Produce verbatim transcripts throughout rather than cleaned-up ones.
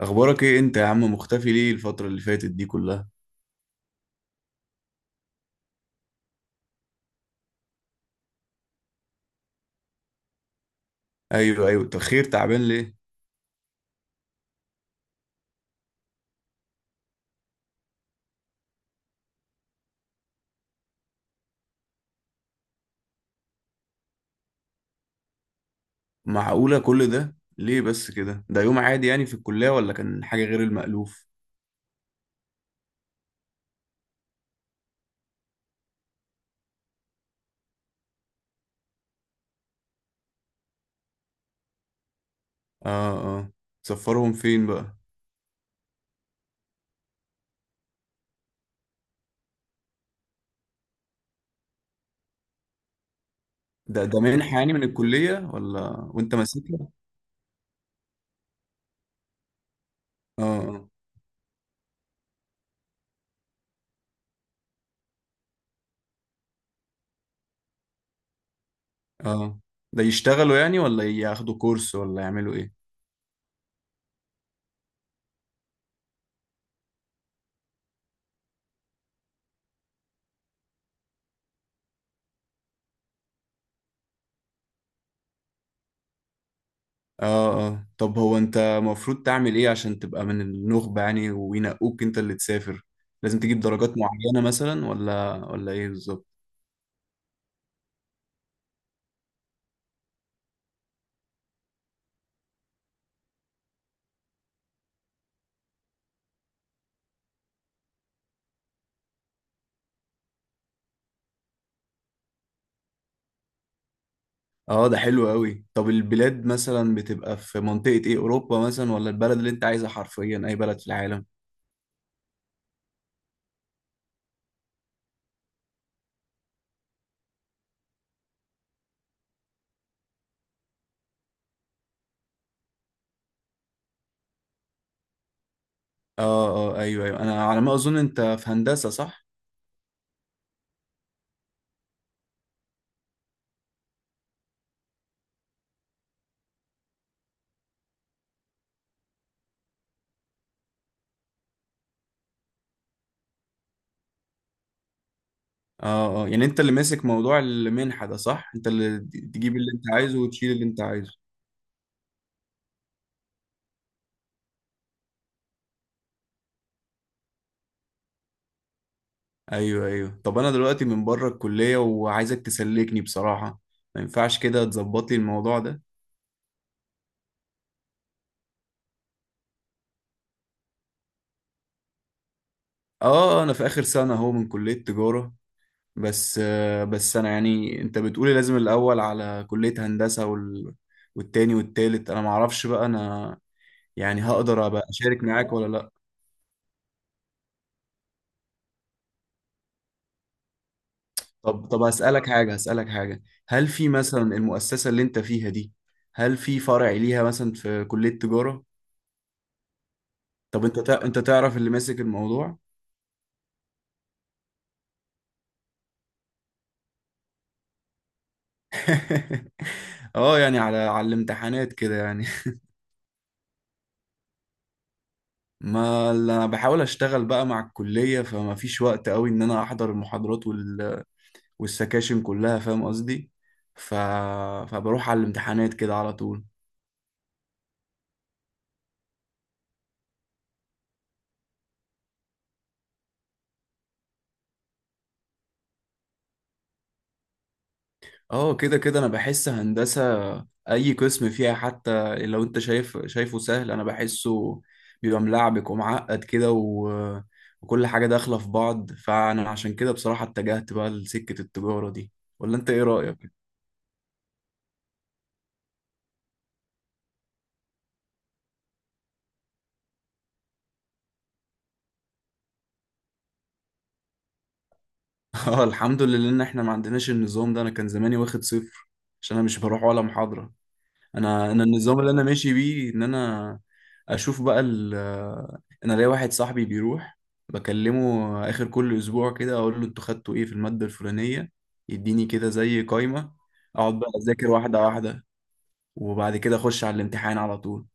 اخبارك ايه انت يا عم؟ مختفي ليه الفترة اللي فاتت دي كلها؟ ايوه ايوه. طب خير، تعبان ليه؟ معقولة كل ده ليه بس كده؟ ده يوم عادي يعني في الكلية، ولا كان حاجة غير المألوف؟ اه اه. سفرهم فين بقى؟ ده ده منحة يعني من الكلية ولا؟ وانت ماسكها؟ اه اه اه. ده يشتغلوا يعني ولا ياخدوا كورس ولا يعملوا ايه؟ اه اه. طب هو انت المفروض تعمل ايه عشان تبقى من النخبة يعني وينقوك انت اللي تسافر؟ لازم تجيب درجات معينة مثلا ولا ولا ايه بالظبط؟ اه، ده حلو قوي. طب البلاد مثلا بتبقى في منطقة ايه، اوروبا مثلا، ولا البلد اللي انت عايزها حرفيا اي بلد في العالم؟ اه اه ايوه ايوه، انا على ما اظن انت في هندسة، صح؟ اه اه. يعني انت اللي ماسك موضوع المنحة ده، صح؟ انت اللي تجيب اللي انت عايزه وتشيل اللي انت عايزه؟ ايوه ايوه. طب انا دلوقتي من بره الكلية وعايزك تسلكني بصراحة، ما ينفعش كده تظبط لي الموضوع ده؟ اه اه. انا في اخر سنة اهو من كلية تجارة، بس آه، بس انا يعني انت بتقولي لازم الاول على كلية هندسة وال... والتاني والتالت، انا معرفش بقى، انا يعني هقدر ابقى اشارك معاك ولا لا؟ طب طب هسألك حاجة، هسألك حاجة، هل في مثلا المؤسسة اللي انت فيها دي هل في فرع ليها مثلا في كلية تجارة؟ طب انت تع... انت تعرف اللي ماسك الموضوع؟ اه، يعني على على الامتحانات كده يعني. ما اللي انا بحاول اشتغل بقى مع الكلية، فما فيش وقت قوي ان انا احضر المحاضرات والسكاشن كلها، فاهم قصدي؟ ف... فبروح على الامتحانات كده على طول. اه كده كده، انا بحس هندسة اي قسم فيها، حتى لو انت شايف شايفه سهل، انا بحسه بيبقى ملعبك ومعقد كده و... وكل حاجة داخلة في بعض، فانا عشان كده بصراحة اتجهت بقى لسكة التجارة دي. ولا انت ايه رأيك؟ اه، الحمد لله ان احنا ما عندناش النظام ده، انا كان زماني واخد صفر عشان انا مش بروح ولا محاضرة. انا انا النظام اللي انا ماشي بيه ان انا اشوف بقى ال، انا ليا واحد صاحبي بيروح، بكلمه اخر كل اسبوع كده اقول له انتوا خدتوا ايه في المادة الفلانية، يديني كده زي قايمة، اقعد بقى اذاكر واحدة واحدة، وبعد كده اخش على الامتحان على طول.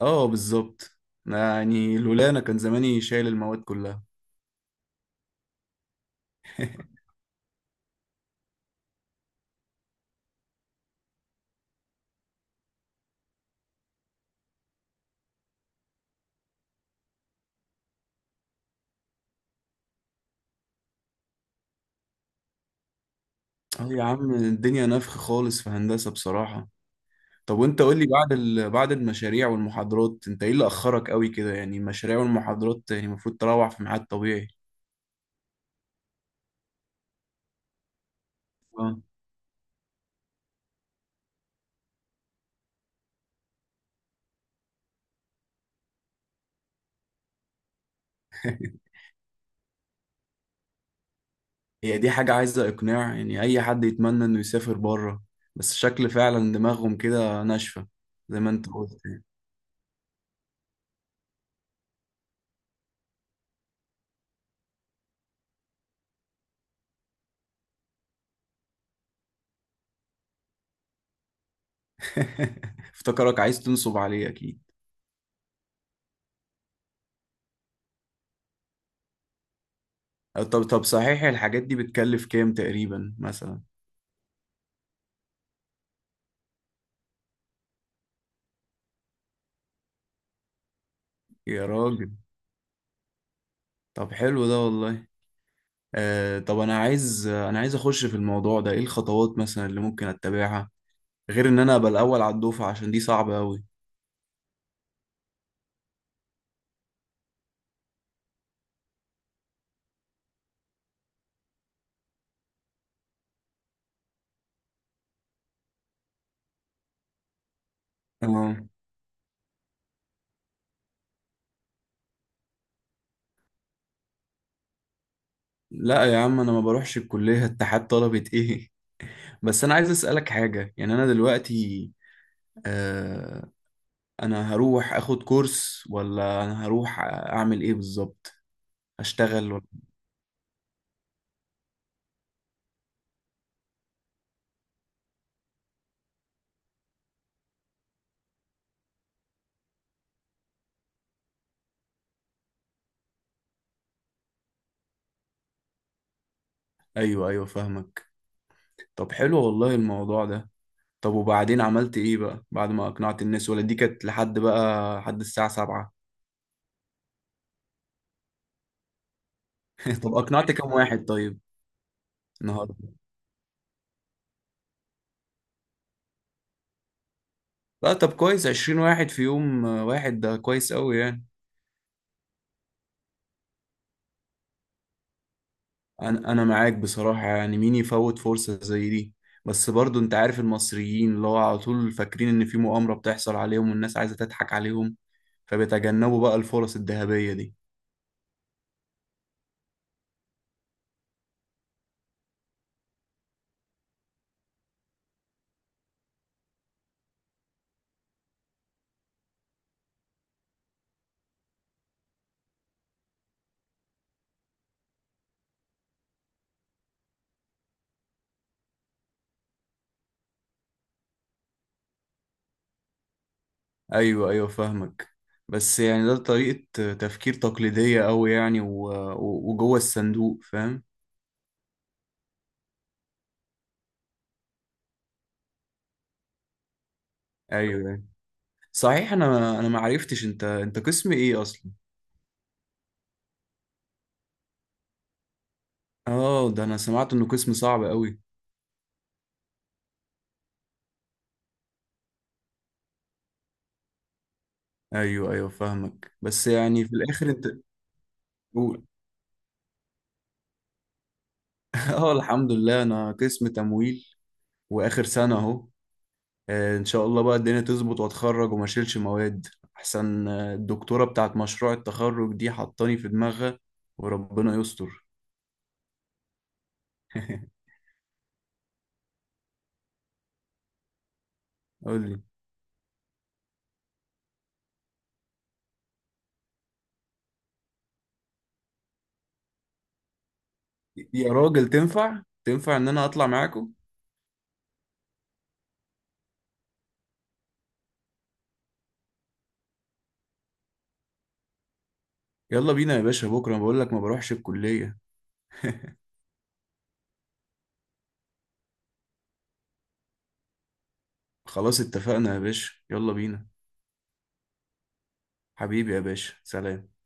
اه بالظبط. يعني لولا انا كان زماني شايل المواد كلها. اه يا عم، الدنيا نفخ خالص في هندسة بصراحة. طب وانت قول لي، بعد ال... بعد المشاريع والمحاضرات انت ايه اللي اخرك قوي كده يعني؟ المشاريع والمحاضرات يعني المفروض تروح في ميعاد طبيعي. اه. هي دي حاجة عايزة اقناع؟ يعني اي حد يتمنى انه يسافر بره، بس شكل فعلا دماغهم كده ناشفة زي ما انت قلت يعني. افتكرك عايز تنصب عليه اكيد. طب طب صحيح، الحاجات دي بتكلف كام تقريبا مثلا؟ يا راجل، طب حلو ده والله. آه طب انا عايز، انا عايز اخش في الموضوع ده، ايه الخطوات مثلا اللي ممكن اتبعها غير ان انا ابقى الاول على الدفعه عشان دي صعبه قوي؟ اه، لا يا عم انا ما بروحش الكليه. اتحاد طلبه ايه؟ بس انا عايز اسالك حاجه، يعني انا دلوقتي آه، انا هروح اخد كورس ولا انا هروح اعمل ايه بالظبط؟ اشتغل ولا؟ ايوه ايوه فاهمك. طب حلو والله الموضوع ده. طب وبعدين عملت ايه بقى بعد ما اقنعت الناس، ولا دي كانت لحد بقى لحد الساعه سبعة؟ طب اقنعت كام واحد طيب النهارده؟ لا طب كويس، عشرين واحد في يوم آه، واحد ده كويس قوي يعني. انا انا معاك بصراحة، يعني مين يفوت فرصة زي دي؟ بس برضو انت عارف المصريين اللي هو على طول فاكرين ان في مؤامرة بتحصل عليهم والناس عايزة تضحك عليهم، فبيتجنبوا بقى الفرص الذهبية دي. ايوه ايوه فاهمك، بس يعني ده طريقة تفكير تقليدية أوي يعني، و- و- وجوه الصندوق، فاهم؟ ايوه أيوة. صحيح، انا انا ما عرفتش انت، انت قسم ايه اصلا؟ اه، ده انا سمعت انه قسم صعب أوي. ايوه ايوه فاهمك، بس يعني في الاخر انت قول. اه الحمد لله، انا قسم تمويل واخر سنة اهو. آه، ان شاء الله بقى الدنيا تظبط واتخرج وما اشيلش مواد، احسن آه، الدكتورة بتاعت مشروع التخرج دي حطاني في دماغها وربنا يستر. قول لي. يا راجل تنفع، تنفع ان انا اطلع معاكم؟ يلا بينا يا باشا، بكرة بقول لك ما بروحش الكلية. خلاص اتفقنا يا باشا، يلا بينا. حبيبي يا باشا، سلام.